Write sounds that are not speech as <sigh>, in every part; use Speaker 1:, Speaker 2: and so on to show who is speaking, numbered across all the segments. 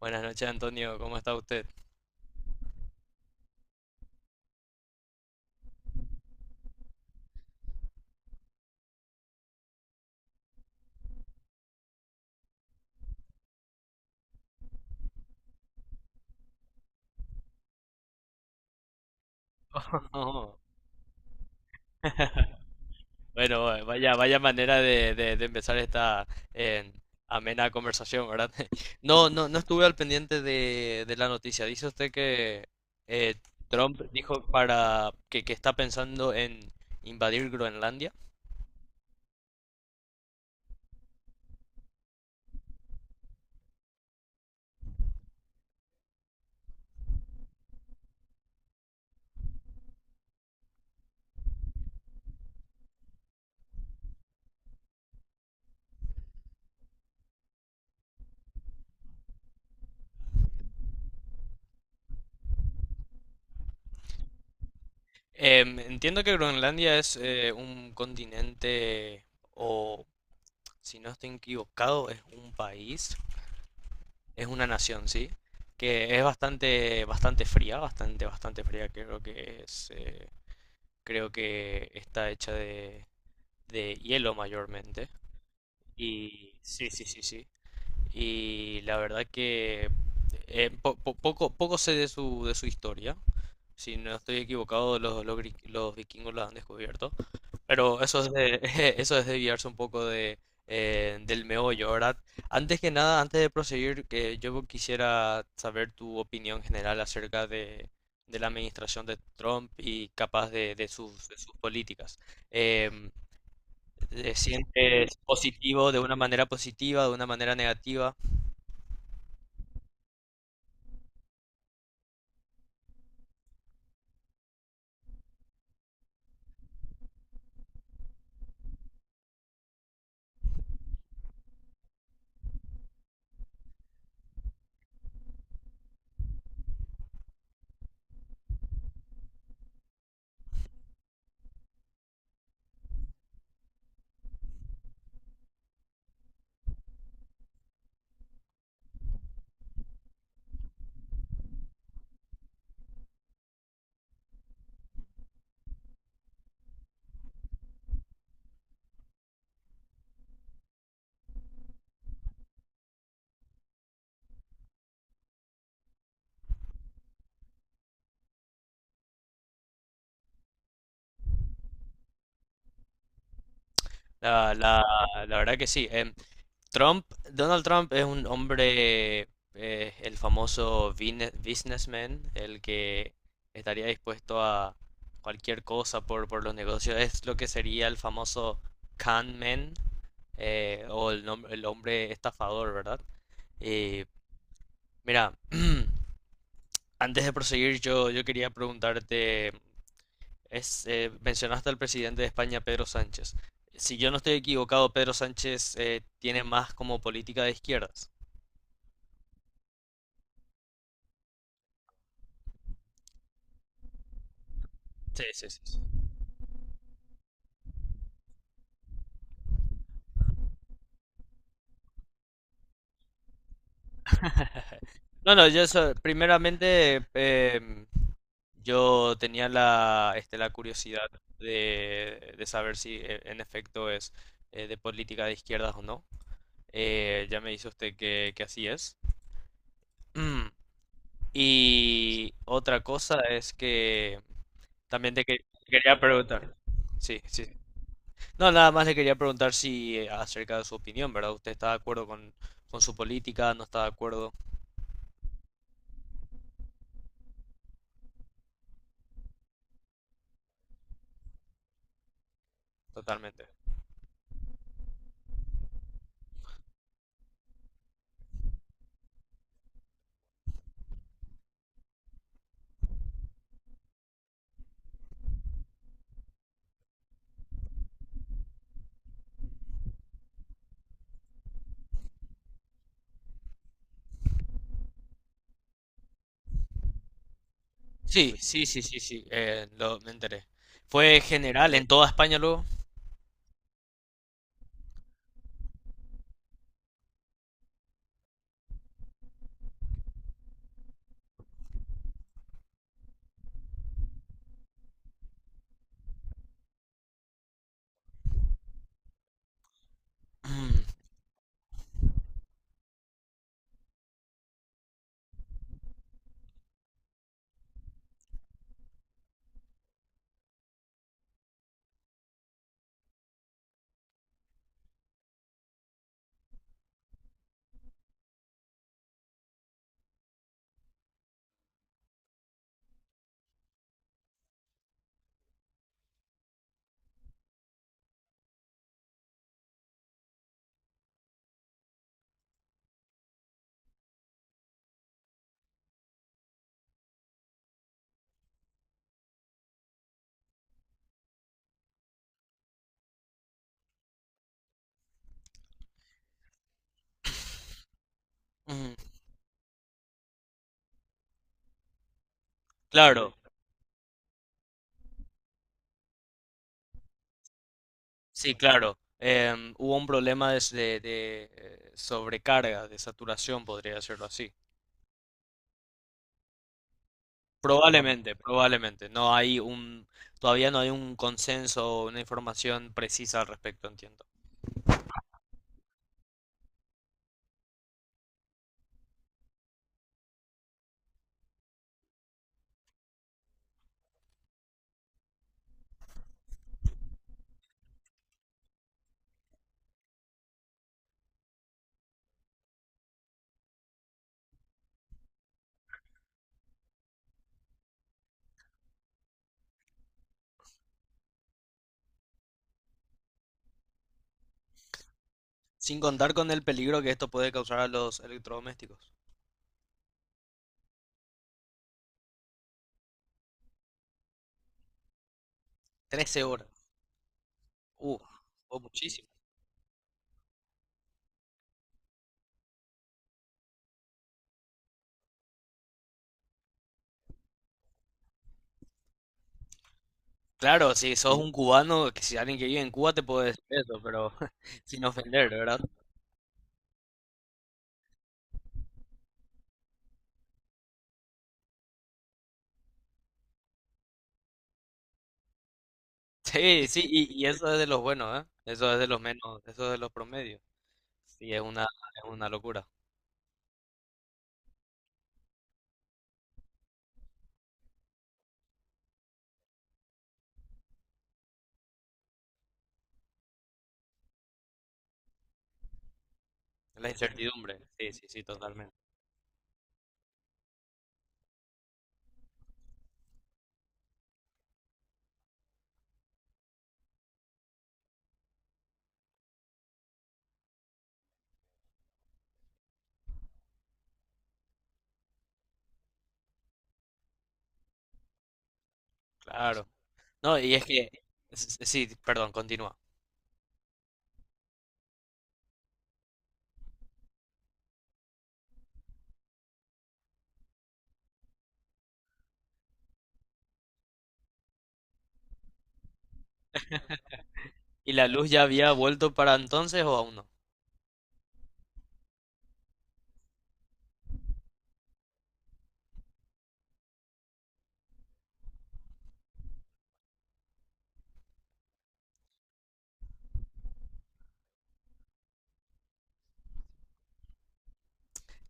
Speaker 1: Buenas noches, Antonio. ¿Cómo está usted? No. <laughs> Bueno, vaya, vaya manera de empezar esta eh, amena conversación, ¿verdad? <laughs> No, no, no estuve al pendiente de la noticia. Dice usted que eh, Trump dijo para que está pensando en invadir Groenlandia. Entiendo que Groenlandia es un continente, o si no estoy equivocado, es un país, es una nación, ¿sí? Que es bastante, bastante fría, bastante, bastante fría. Creo que es, creo que está hecha de hielo mayormente. Y sí, sí, sí, sí. Y la verdad que poco sé de su historia. Si no estoy equivocado, los vikingos la han descubierto. Pero eso es de, <laughs> eso es desviarse un poco del meollo, ¿verdad? Antes que nada, antes de proseguir, que yo quisiera saber tu opinión general acerca de la administración de Trump y capaz de sus políticas. Em, ¿Te sientes positivo de una manera positiva, de una manera negativa? La, la- la verdad que sí. Trump, Donald Trump es un hombre, el famoso businessman, el que estaría dispuesto a cualquier cosa por los negocios. Es lo que sería el famoso con man, o el hombre estafador, ¿verdad? Y mira, <clears throat> antes de proseguir, yo quería preguntarte, mencionaste al presidente de España, Pedro Sánchez. Si yo no estoy equivocado, Pedro Sánchez tiene más como política de izquierdas. Sí, sí, sí. Sí. No, no, primeramente yo tenía la, este, la curiosidad de saber si en efecto es de política de izquierdas o no. Ya me dice usted que así es. <clears throat> Mm. Y otra cosa es que también te quería preguntar. Sí, sí. Sí. No, nada más le quería preguntar si acerca de su opinión, ¿verdad? ¿Usted está de acuerdo con su política? ¿No está de acuerdo? Totalmente. Sí, sí, sí, sí, sí, me enteré. ¿Fue general en toda España luego? <clears throat> Ujú. Claro, sí, claro. Hubo un problema sobrecarga, de saturación, podría decirlo así. Probablemente, probablemente. Todavía no hay un consenso o una información precisa al respecto, entiendo. Sin contar con el peligro que esto puede causar a los electrodomésticos. Trece horas. Uh, oh, muchísimo. Claro, si sos un cubano, que si alguien que vive en Cuba te puede decir eso, pero <laughs> sin ofender, ¿verdad? Sí, sí, y eso es de los buenos, ¿eh? Eso es de los menos, eso es de los promedios. Sí, es una locura. La incertidumbre. Sí, sí, sí, totalmente. Claro. No, y es que, sí, perdón, continúa. ¿Y la luz ya había vuelto para entonces o aún no?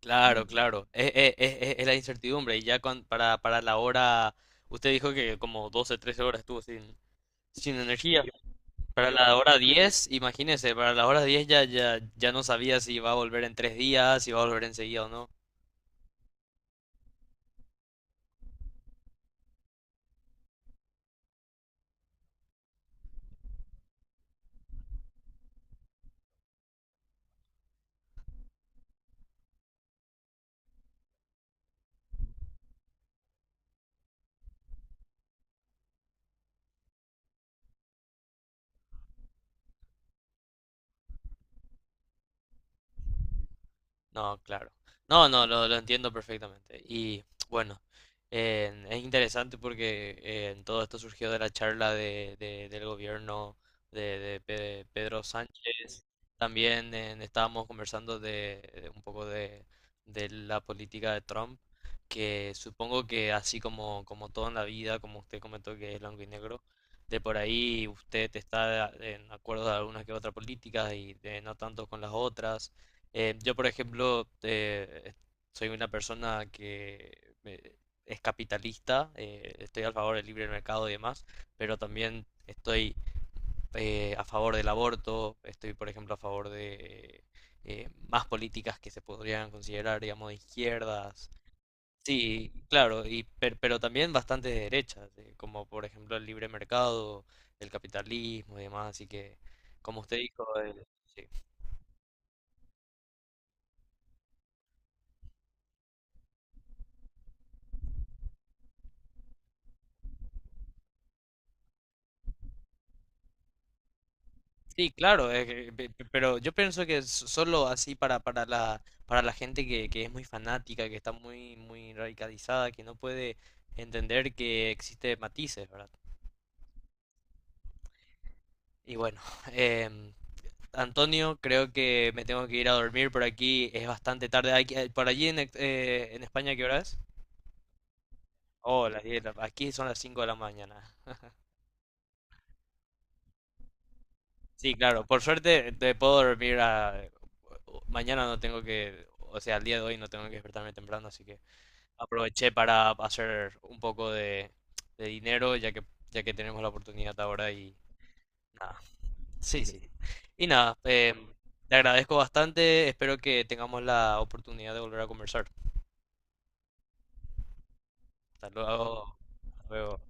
Speaker 1: Claro, claro. Es la incertidumbre. Y para la hora, usted dijo que como 12 13 horas estuvo sin energía. Para la hora 10, imagínese, para la hora 10 ya no sabía si iba a volver en 3 días, si iba a volver enseguida o no. No, claro. No, no, lo entiendo perfectamente. Y bueno, es interesante porque en todo esto surgió de la charla del gobierno Pedro Sánchez. También estábamos conversando de un poco de la política de Trump, que supongo que así como todo en la vida, como usted comentó que es blanco y negro, de por ahí usted está en acuerdo de algunas que otras políticas y de no tanto con las otras. Yo, por ejemplo, soy una persona que es capitalista, estoy a favor del libre mercado y demás, pero también estoy a favor del aborto, estoy, por ejemplo, a favor de más políticas que se podrían considerar, digamos, de izquierdas. Sí, claro, y, pero también bastante de derechas, como por ejemplo el libre mercado, el capitalismo y demás, así que, como usted dijo, sí. Sí, claro, es que- pe- pe- pero yo pienso que solo así para la gente que es muy fanática, que está muy, muy radicalizada, que no puede entender que existe matices, ¿verdad? Y bueno, <laughs> em, Antonio, creo que me tengo que ir a dormir por aquí, es bastante tarde. Por allí en España, ¿qué hora es? Oh, las 10. Aquí son las 5 de la mañana. Sí, claro, por suerte te puedo dormir a. Mañana no tengo que, o sea, el día de hoy no tengo que despertarme temprano, así que. Aproveché para hacer un poco de dinero, ya que tenemos la oportunidad ahora y nada. Sí, sí. Y nada, te agradezco bastante. Espero que tengamos la oportunidad de volver a conversar. Hasta luego. Hasta luego.